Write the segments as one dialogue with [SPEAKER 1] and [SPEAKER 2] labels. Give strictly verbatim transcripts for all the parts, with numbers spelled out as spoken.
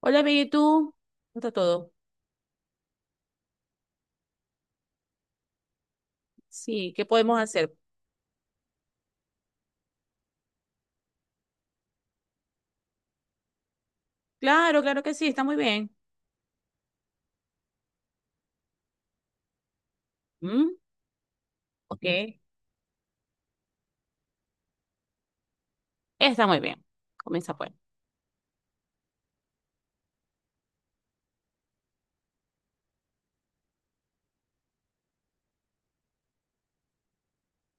[SPEAKER 1] Hola, bien, ¿y tú? ¿Cómo está todo? Sí, ¿qué podemos hacer? Claro, claro que sí, está muy bien. ¿Mm? Ok, está muy bien. Comienza pues.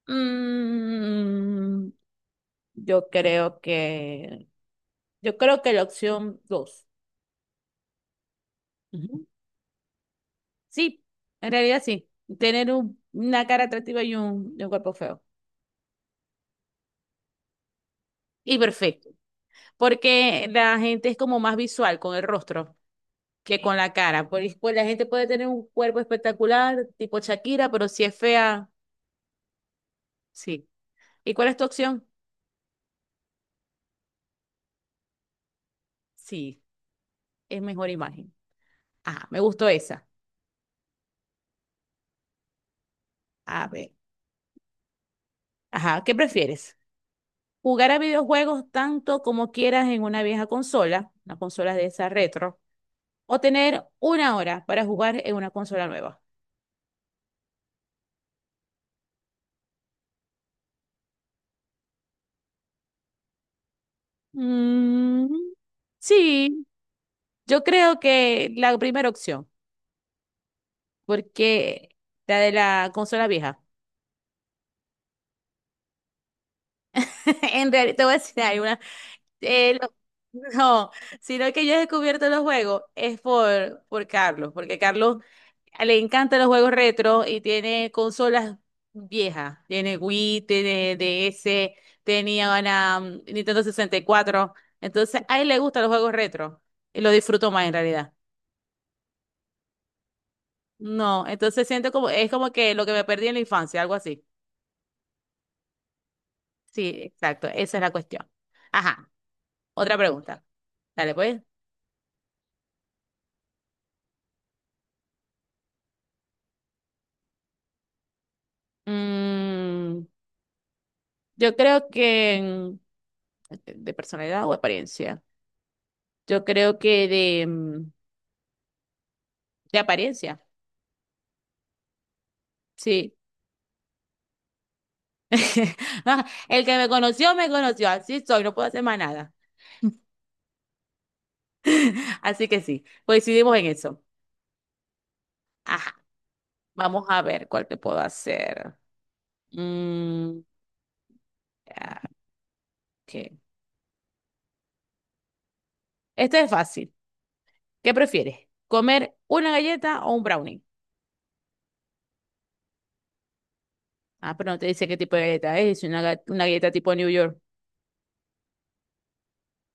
[SPEAKER 1] Mm, yo creo que, yo creo que la opción dos. Ujú. Sí, en realidad sí. Tener un- una cara atractiva y un, y un cuerpo feo. Y perfecto. Porque la gente es como más visual con el rostro que con la cara. Por, pues la gente puede tener un cuerpo espectacular, tipo Shakira, pero si es fea. Sí. ¿Y cuál es tu opción? Sí, es mejor imagen. Ajá, me gustó esa. A ver. Ajá, ¿qué prefieres? ¿Jugar a videojuegos tanto como quieras en una vieja consola, una consola de esa retro, o tener una hora para jugar en una consola nueva? Mm, sí, yo creo que la primera opción, porque la de la consola vieja. En realidad, te voy a decir, hay una, Eh, lo- no, sino que yo he descubierto los juegos es por, por Carlos, porque Carlos le encantan los juegos retro y tiene consolas viejas. Tiene Wii, tiene D S, tenía una mm, Nintendo sesenta y cuatro. Entonces, a él le gustan los juegos retro y lo disfruto más en realidad. No, entonces siento como, es como que lo que me perdí en la infancia, algo así. Sí, exacto, esa es la cuestión. Ajá, otra pregunta. Dale, pues. Mm, Yo creo que mm, de personalidad o apariencia. Yo creo que de, mm, de apariencia, sí. Ah, el que me conoció, me conoció. Así soy, no puedo hacer más nada. Así que sí, coincidimos en eso. Ajá, vamos a ver cuál te puedo hacer. Mm, ah, ok. Este es fácil. ¿Qué prefieres? ¿Comer una galleta o un brownie? Ah, pero no te dice qué tipo de galleta es. Es Una, ga- una galleta tipo New York.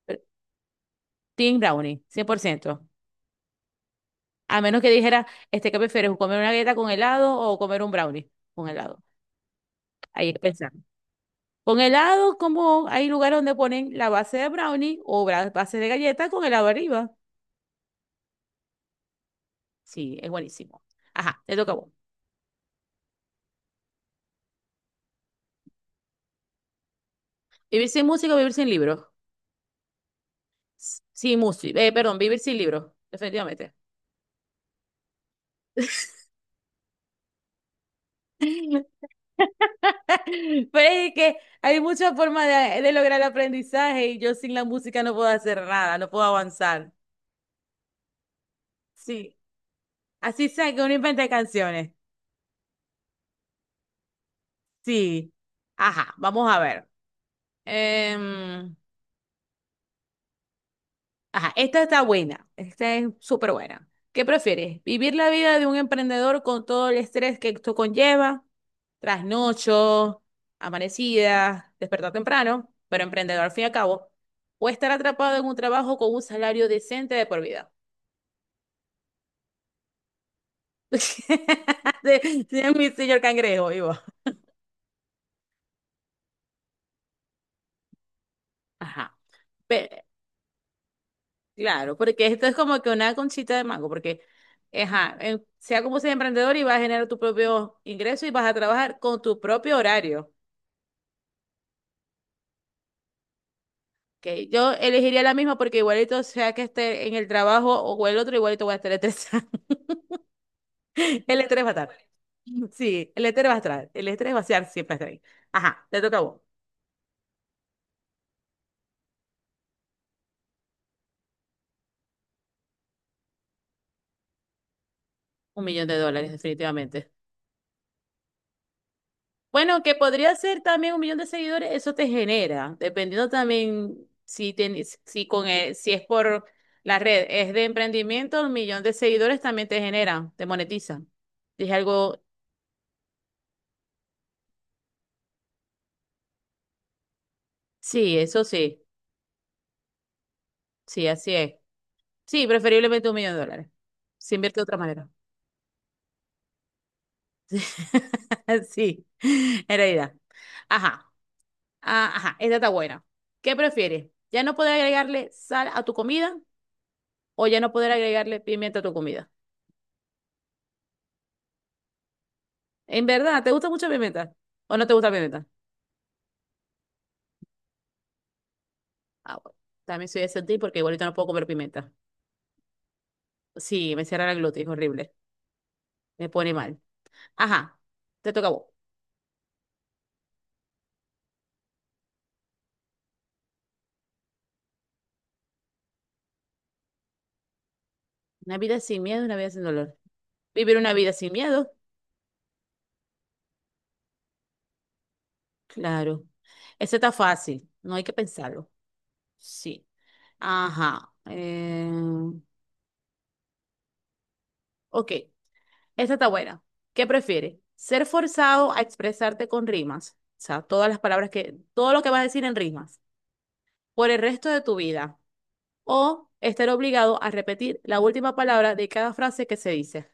[SPEAKER 1] eh, Team brownie, cien por ciento. A menos que dijera, este, ¿qué prefieres? ¿Comer una galleta con helado o comer un brownie con helado? Ahí es pensar. Con helado, como hay lugares donde ponen la base de brownie o bra- base de galleta con helado arriba. Sí, es buenísimo. Ajá, te toca a vos. ¿Vivir sin música o vivir sin libros? S- Sin música, eh, perdón, vivir sin libros, definitivamente. Pero es que hay muchas formas de, de lograr el aprendizaje, y yo sin la música no puedo hacer nada, no puedo avanzar. Sí, así sea que uno invente canciones. Sí. Ajá, vamos a ver. Em, ajá, esta está buena. Esta es súper buena. ¿Qué prefieres? ¿Vivir la vida de un emprendedor con todo el estrés que esto conlleva? Trasnocho, amanecida, despertar temprano, pero emprendedor al fin y al cabo. ¿O estar atrapado en un trabajo con un salario decente de por vida? De- de mi señor cangrejo, vivo. Ajá. Claro, porque esto es como que una conchita de mango, porque, ajá, en- sea como sea emprendedor y vas a generar tu propio ingreso y vas a trabajar con tu propio horario. Que yo elegiría la misma, porque igualito sea que esté en el trabajo o el otro, igualito voy a estar estresada. El estrés va a estar. Sí, el estrés va a estar. El estrés va a estar, siempre está ahí. Ajá, te toca a vos. Un millón de dólares, definitivamente. Bueno, que podría ser también un millón de seguidores, eso te genera, dependiendo también si tienes, si con el- si es por la red, es de emprendimiento, un millón de seguidores también te genera, te monetiza. Dije algo, sí, eso sí, sí, así es. Sí, preferiblemente un millón de dólares. Se invierte de otra manera. Sí, en realidad. Ajá, ah, ajá, esta está buena. ¿Qué prefieres? ¿Ya no poder agregarle sal a tu comida o ya no poder agregarle pimienta a tu comida? En verdad, ¿te gusta mucho la pimienta? ¿O no te gusta la pimienta? Ah, bueno. También soy de sentir, porque igualito no puedo comer pimienta. Sí, me cierra la glotis, es horrible. Me pone mal. Ajá, te toca a vos. Una vida sin miedo, una vida sin dolor. ¿Vivir una vida sin miedo? Claro. Eso está fácil, no hay que pensarlo. Sí. Ajá. Eh, ok, esta está buena. ¿Qué prefieres? ¿Ser forzado a expresarte con rimas? O sea, todas las palabras que, todo lo que vas a decir en rimas por el resto de tu vida. O estar obligado a repetir la última palabra de cada frase que se dice.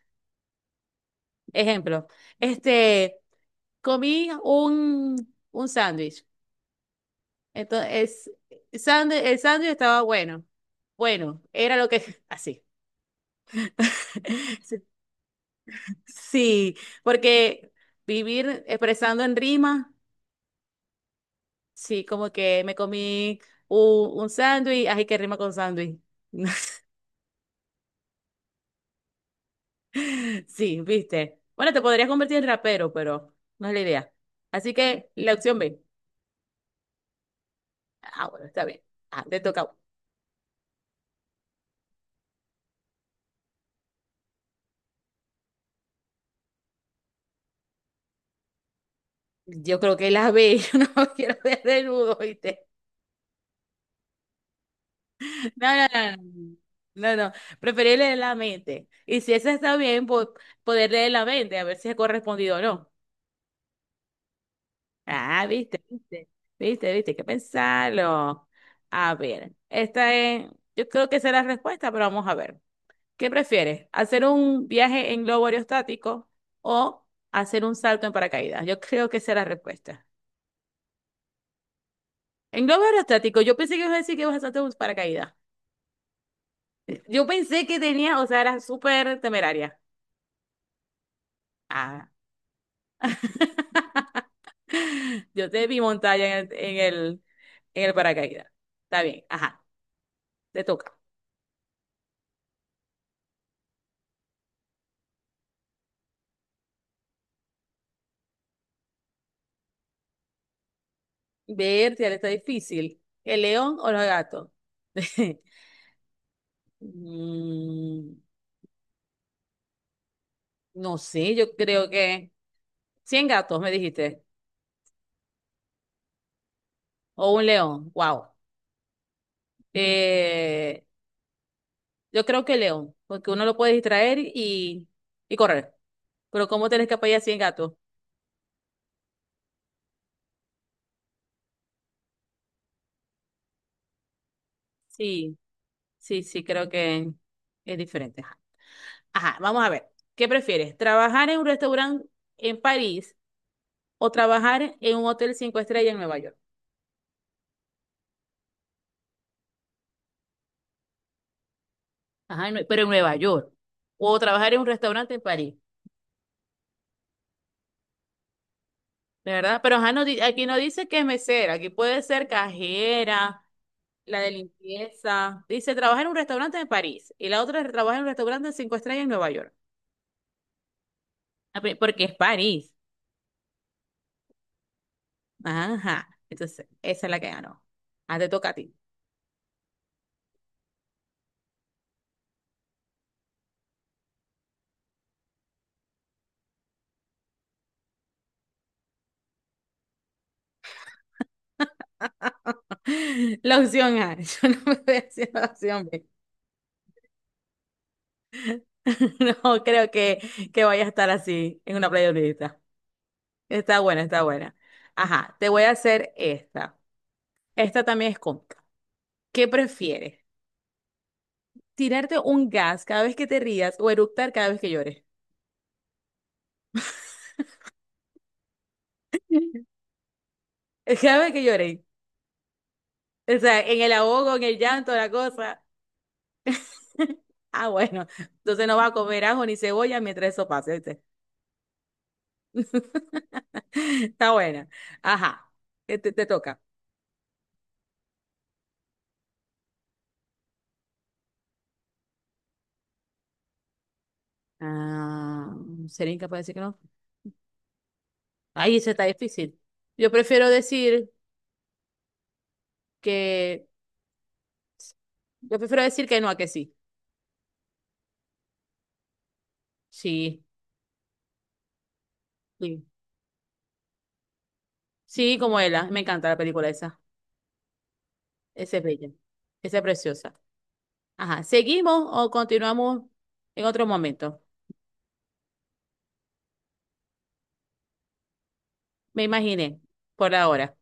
[SPEAKER 1] Ejemplo, este, comí un, un sándwich. Entonces, sándwi- el sándwich estaba bueno. Bueno, era lo que... Así. Sí, sí, porque vivir expresando en rima, sí, como que me comí un, un sándwich, así que rima con sándwich. Sí, viste. Bueno, te podrías convertir en rapero, pero no es la idea. Así que la opción B. Ah, bueno, está bien. Ah, te toca. Yo creo que la B. Yo no quiero ver desnudo, viste. No, no, no. No, no. no. Preferir leer la mente. Y si esa está bien, po- poder leer la mente, a ver si es correspondido o no. Ah, viste, viste. Viste, viste, hay que pensarlo. A ver, esta es. Yo creo que esa es la respuesta, pero vamos a ver. ¿Qué prefieres? ¿Hacer un viaje en globo aerostático o hacer un salto en paracaídas? Yo creo que esa es la respuesta. En globo aerostático, yo pensé que ibas a decir que ibas a saltar un paracaídas. Yo pensé que tenía, o sea, era súper temeraria. Ah. Yo te vi montada en el, en el, en el paracaídas. Está bien, ajá, te toca. Ver, ya está difícil. ¿El león o los gatos? Mm, no sé, yo creo que cien gatos, me dijiste. O un león, wow. Eh, yo creo que león, porque uno lo puede distraer y, y correr. Pero ¿cómo tenés que apoyar cien gatos? Sí, sí, sí, creo que es diferente. Ajá, ajá, vamos a ver. ¿Qué prefieres? ¿Trabajar en un restaurante en París o trabajar en un hotel cinco estrellas en Nueva York? Ajá, en Nue- pero en Nueva York. O trabajar en un restaurante en París, ¿de verdad? Pero ajá, no di- aquí no dice que es mesera, aquí puede ser cajera, la de limpieza. Dice, trabaja en un restaurante en París y la otra trabaja en un restaurante de cinco estrellas en Nueva York. Ah, pe- porque es París. Ajá. Entonces, esa es la que ganó. Ah, te toca a ti. La opción A. Yo no me voy a decir la opción B. No creo que, que vaya a estar así en una playa nudista. Está buena, está buena. Ajá, te voy a hacer esta. Esta también es cómica. ¿Qué prefieres? ¿Tirarte un gas cada vez que te rías o eructar cada vez que llores? Cada vez que llores. O sea, en el ahogo, en el llanto, la cosa. Ah, bueno. Entonces no va a comer ajo ni cebolla mientras eso pase, ¿viste? Está buena. Ajá. Te, te te toca. Ah, ¿sería incapaz de decir que no? Ay, eso está difícil. Yo prefiero decir que, yo prefiero decir que no a que sí. Sí, sí. Sí, como ella. Me encanta la película esa. Esa es bella. Esa es preciosa. Ajá. ¿Seguimos o continuamos en otro momento? Me imaginé, por ahora.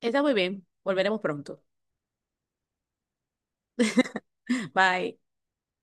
[SPEAKER 1] Está muy bien. Volveremos pronto. Bye.